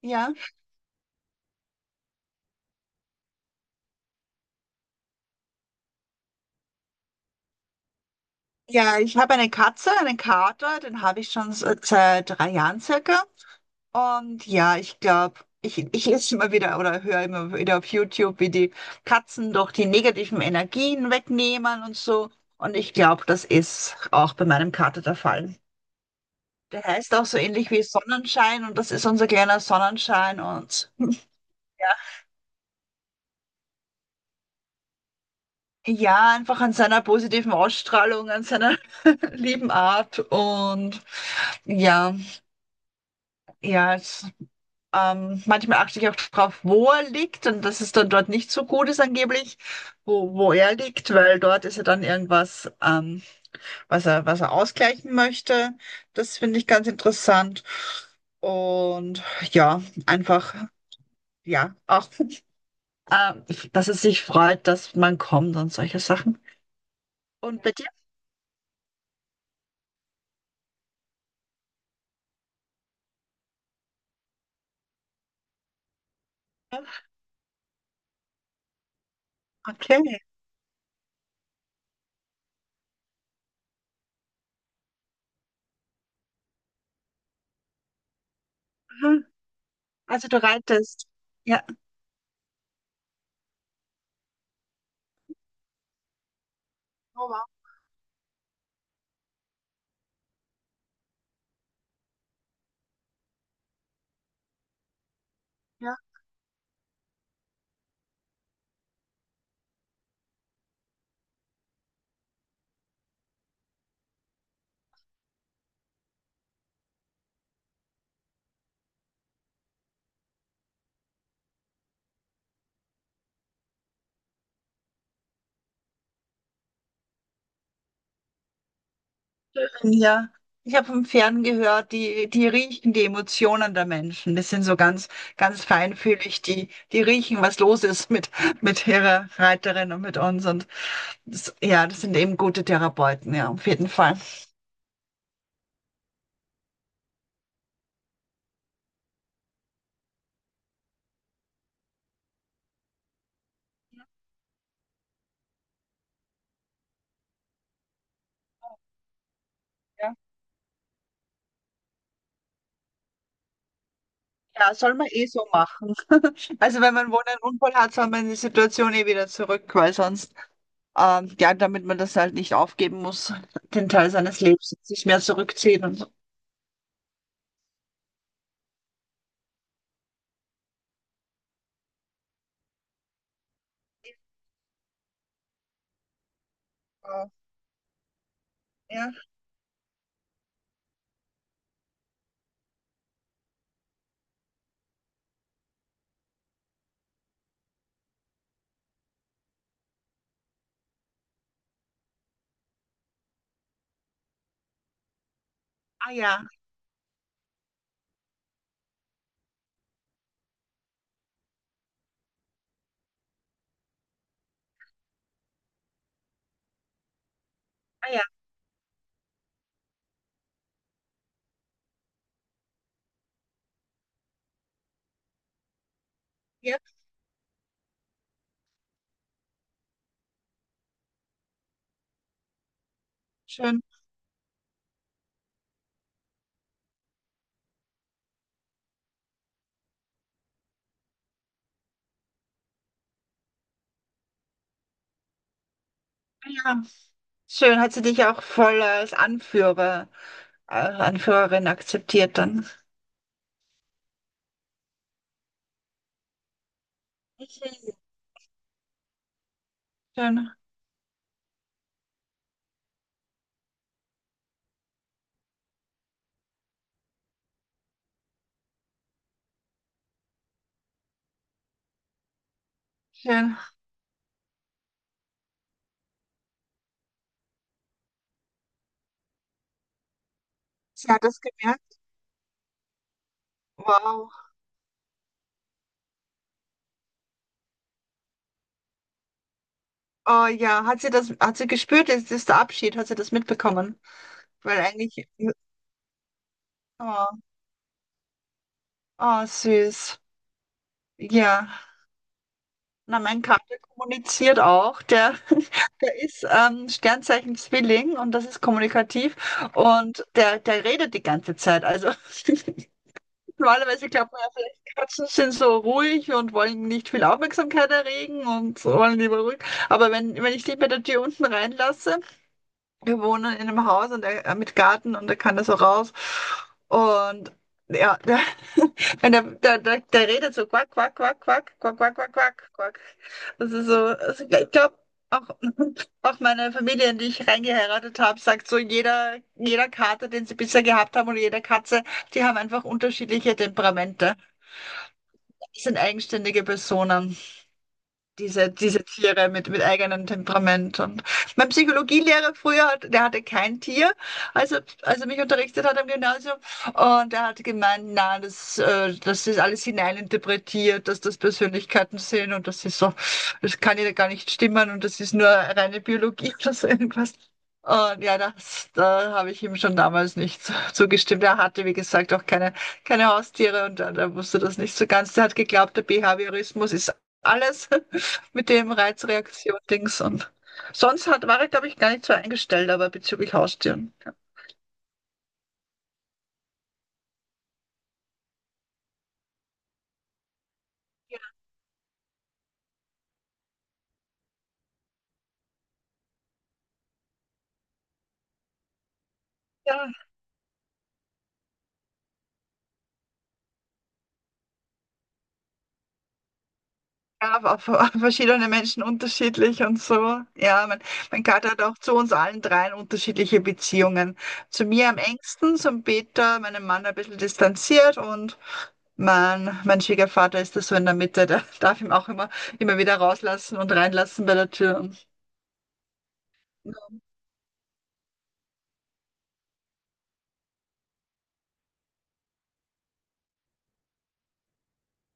Ja, ja, ich habe eine Katze, einen Kater, den habe ich schon seit 3 Jahren circa. Und ja, ich glaube, ich lese immer wieder oder höre immer wieder auf YouTube, wie die Katzen doch die negativen Energien wegnehmen und so. Und ich glaube, das ist auch bei meinem Kater der Fall. Der heißt auch so ähnlich wie Sonnenschein und das ist unser kleiner Sonnenschein. Und ja, ja, einfach an seiner positiven Ausstrahlung, an seiner lieben Art. Und ja, ja, es. Manchmal achte ich auch drauf, wo er liegt und dass es dann dort nicht so gut ist angeblich, wo er liegt, weil dort ist ja dann irgendwas, was er ausgleichen möchte. Das finde ich ganz interessant. Und ja, einfach, ja, auch, ähm, dass es sich freut, dass man kommt und solche Sachen. Und bei dir? Okay. Aha. Also du reitest. Ja. Oh, wow. Ja, ich habe vom Fern gehört, die riechen die Emotionen der Menschen. Das sind so ganz, ganz feinfühlig, die riechen, was los ist mit ihrer Reiterin und mit uns. Und das, ja, das sind eben gute Therapeuten, ja, auf jeden Fall. Ja, ja, soll man eh so machen. Also wenn man wohl einen Unfall hat, soll man in die Situation eh wieder zurück, weil sonst, ja, damit man das halt nicht aufgeben muss, den Teil seines Lebens, sich mehr zurückziehen und so. Ja. Ah ja, ah ja, ah ja, ja, schön. Ah ja. Schön, hat sie dich auch voll als Anführer, Anführerin akzeptiert dann. Mhm. Schön, schön. Sie hat das gemerkt. Wow. Oh ja, hat sie das, hat sie gespürt, jetzt ist der Abschied, hat sie das mitbekommen? Weil eigentlich, oh, oh süß. Ja. Na, mein Kater kommuniziert auch. Der, der ist Sternzeichen Zwilling und das ist kommunikativ und der redet die ganze Zeit. Also Normalerweise glaubt man ja vielleicht, Katzen sind so ruhig und wollen nicht viel Aufmerksamkeit erregen und so wollen lieber ruhig. Aber wenn ich die bei der Tür unten reinlasse, wir wohnen in einem Haus und er mit Garten und er kann da so raus. Und ja, der, wenn der redet so quack, quack, quack, quack, quack, quack, quack, quack, quack. Das ist so, also ich glaube, auch, auch meine Familie, in die ich reingeheiratet habe, sagt so, jeder Kater, den sie bisher gehabt haben und jede Katze, die haben einfach unterschiedliche Temperamente. Das sind eigenständige Personen, diese Tiere mit eigenem Temperament. Und mein Psychologielehrer früher, hat, der hatte kein Tier, also er, als er mich unterrichtet hat am Gymnasium. Und er hat gemeint, na, das ist alles hineininterpretiert, dass das Persönlichkeiten sind und das ist so, das kann ja gar nicht stimmen und das ist nur reine Biologie oder so irgendwas. Und ja, das, da habe ich ihm schon damals nicht zugestimmt. Er hatte, wie gesagt, auch keine Haustiere und er wusste das nicht so ganz. Er hat geglaubt, der Behaviorismus ist alles. mit dem Reizreaktion-Dings und sonst hat, war ich, glaube ich, gar nicht so eingestellt, aber bezüglich Haustieren. Ja, ja, war für verschiedene Menschen unterschiedlich und so. Ja, mein, Kater hat auch zu uns allen dreien unterschiedliche Beziehungen. Zu mir am engsten, zum Peter, meinem Mann ein bisschen distanziert, und mein Schwiegervater ist da so in der Mitte, der darf ihn auch immer wieder rauslassen und reinlassen bei der Tür. Und,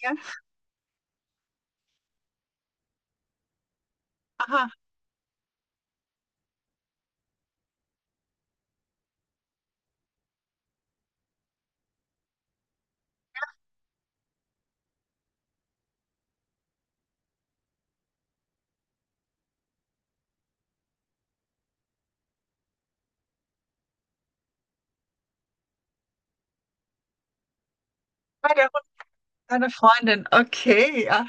ja, aha, bei der Hund deiner Freundin. Okay, ja,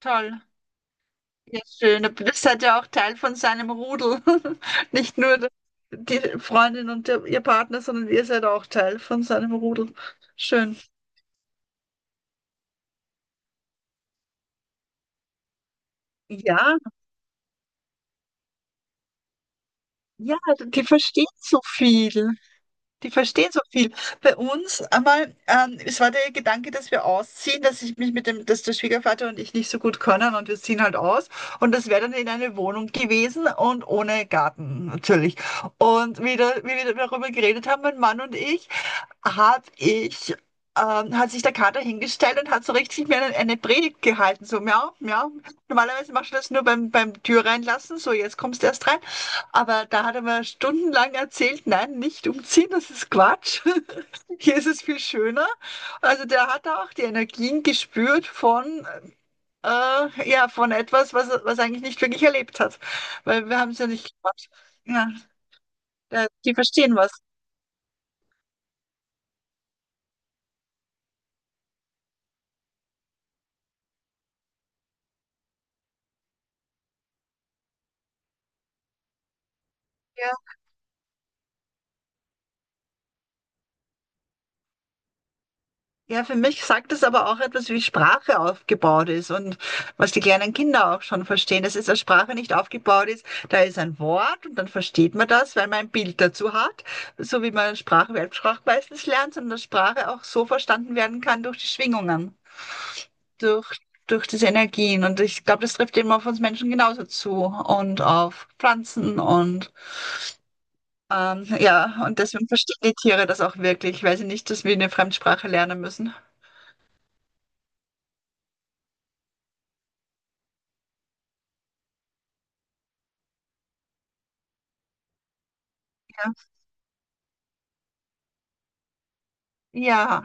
toll. Ja, schön. Aber das hat ja auch Teil von seinem Rudel. Nicht nur die Freundin und der, ihr Partner, sondern ihr seid auch Teil von seinem Rudel. Schön. Ja, ja, die verstehen so viel. Die verstehen so viel. Bei uns einmal, es war der Gedanke, dass wir ausziehen, dass ich mich mit dem, dass der Schwiegervater und ich nicht so gut können und wir ziehen halt aus. Und das wäre dann in eine Wohnung gewesen und ohne Garten natürlich. Und wieder, wie wir darüber geredet haben, mein Mann und ich, habe ich, hat sich der Kater hingestellt und hat so richtig mir eine Predigt gehalten, so miau, miau. Normalerweise machst du das nur beim Tür reinlassen, so jetzt kommst du erst rein. Aber da hat er mir stundenlang erzählt, nein, nicht umziehen, das ist Quatsch. Hier ist es viel schöner. Also der hat auch die Energien gespürt von etwas, was er eigentlich nicht wirklich erlebt hat. Weil wir haben es ja nicht gemacht. Ja, ja, die verstehen was. Ja, für mich sagt das aber auch etwas, wie Sprache aufgebaut ist und was die kleinen Kinder auch schon verstehen, dass es als Sprache nicht aufgebaut ist. Da ist ein Wort und dann versteht man das, weil man ein Bild dazu hat, so wie man Sprache, Weltsprache meistens lernt, sondern dass Sprache auch so verstanden werden kann durch die Schwingungen, durch, durch diese Energien. Und ich glaube, das trifft eben auf uns Menschen genauso zu und auf Pflanzen und ja, und deswegen verstehen die Tiere das auch wirklich, weil sie nicht dass wir eine Fremdsprache lernen müssen. Ja. Ja.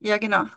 Ja, genau.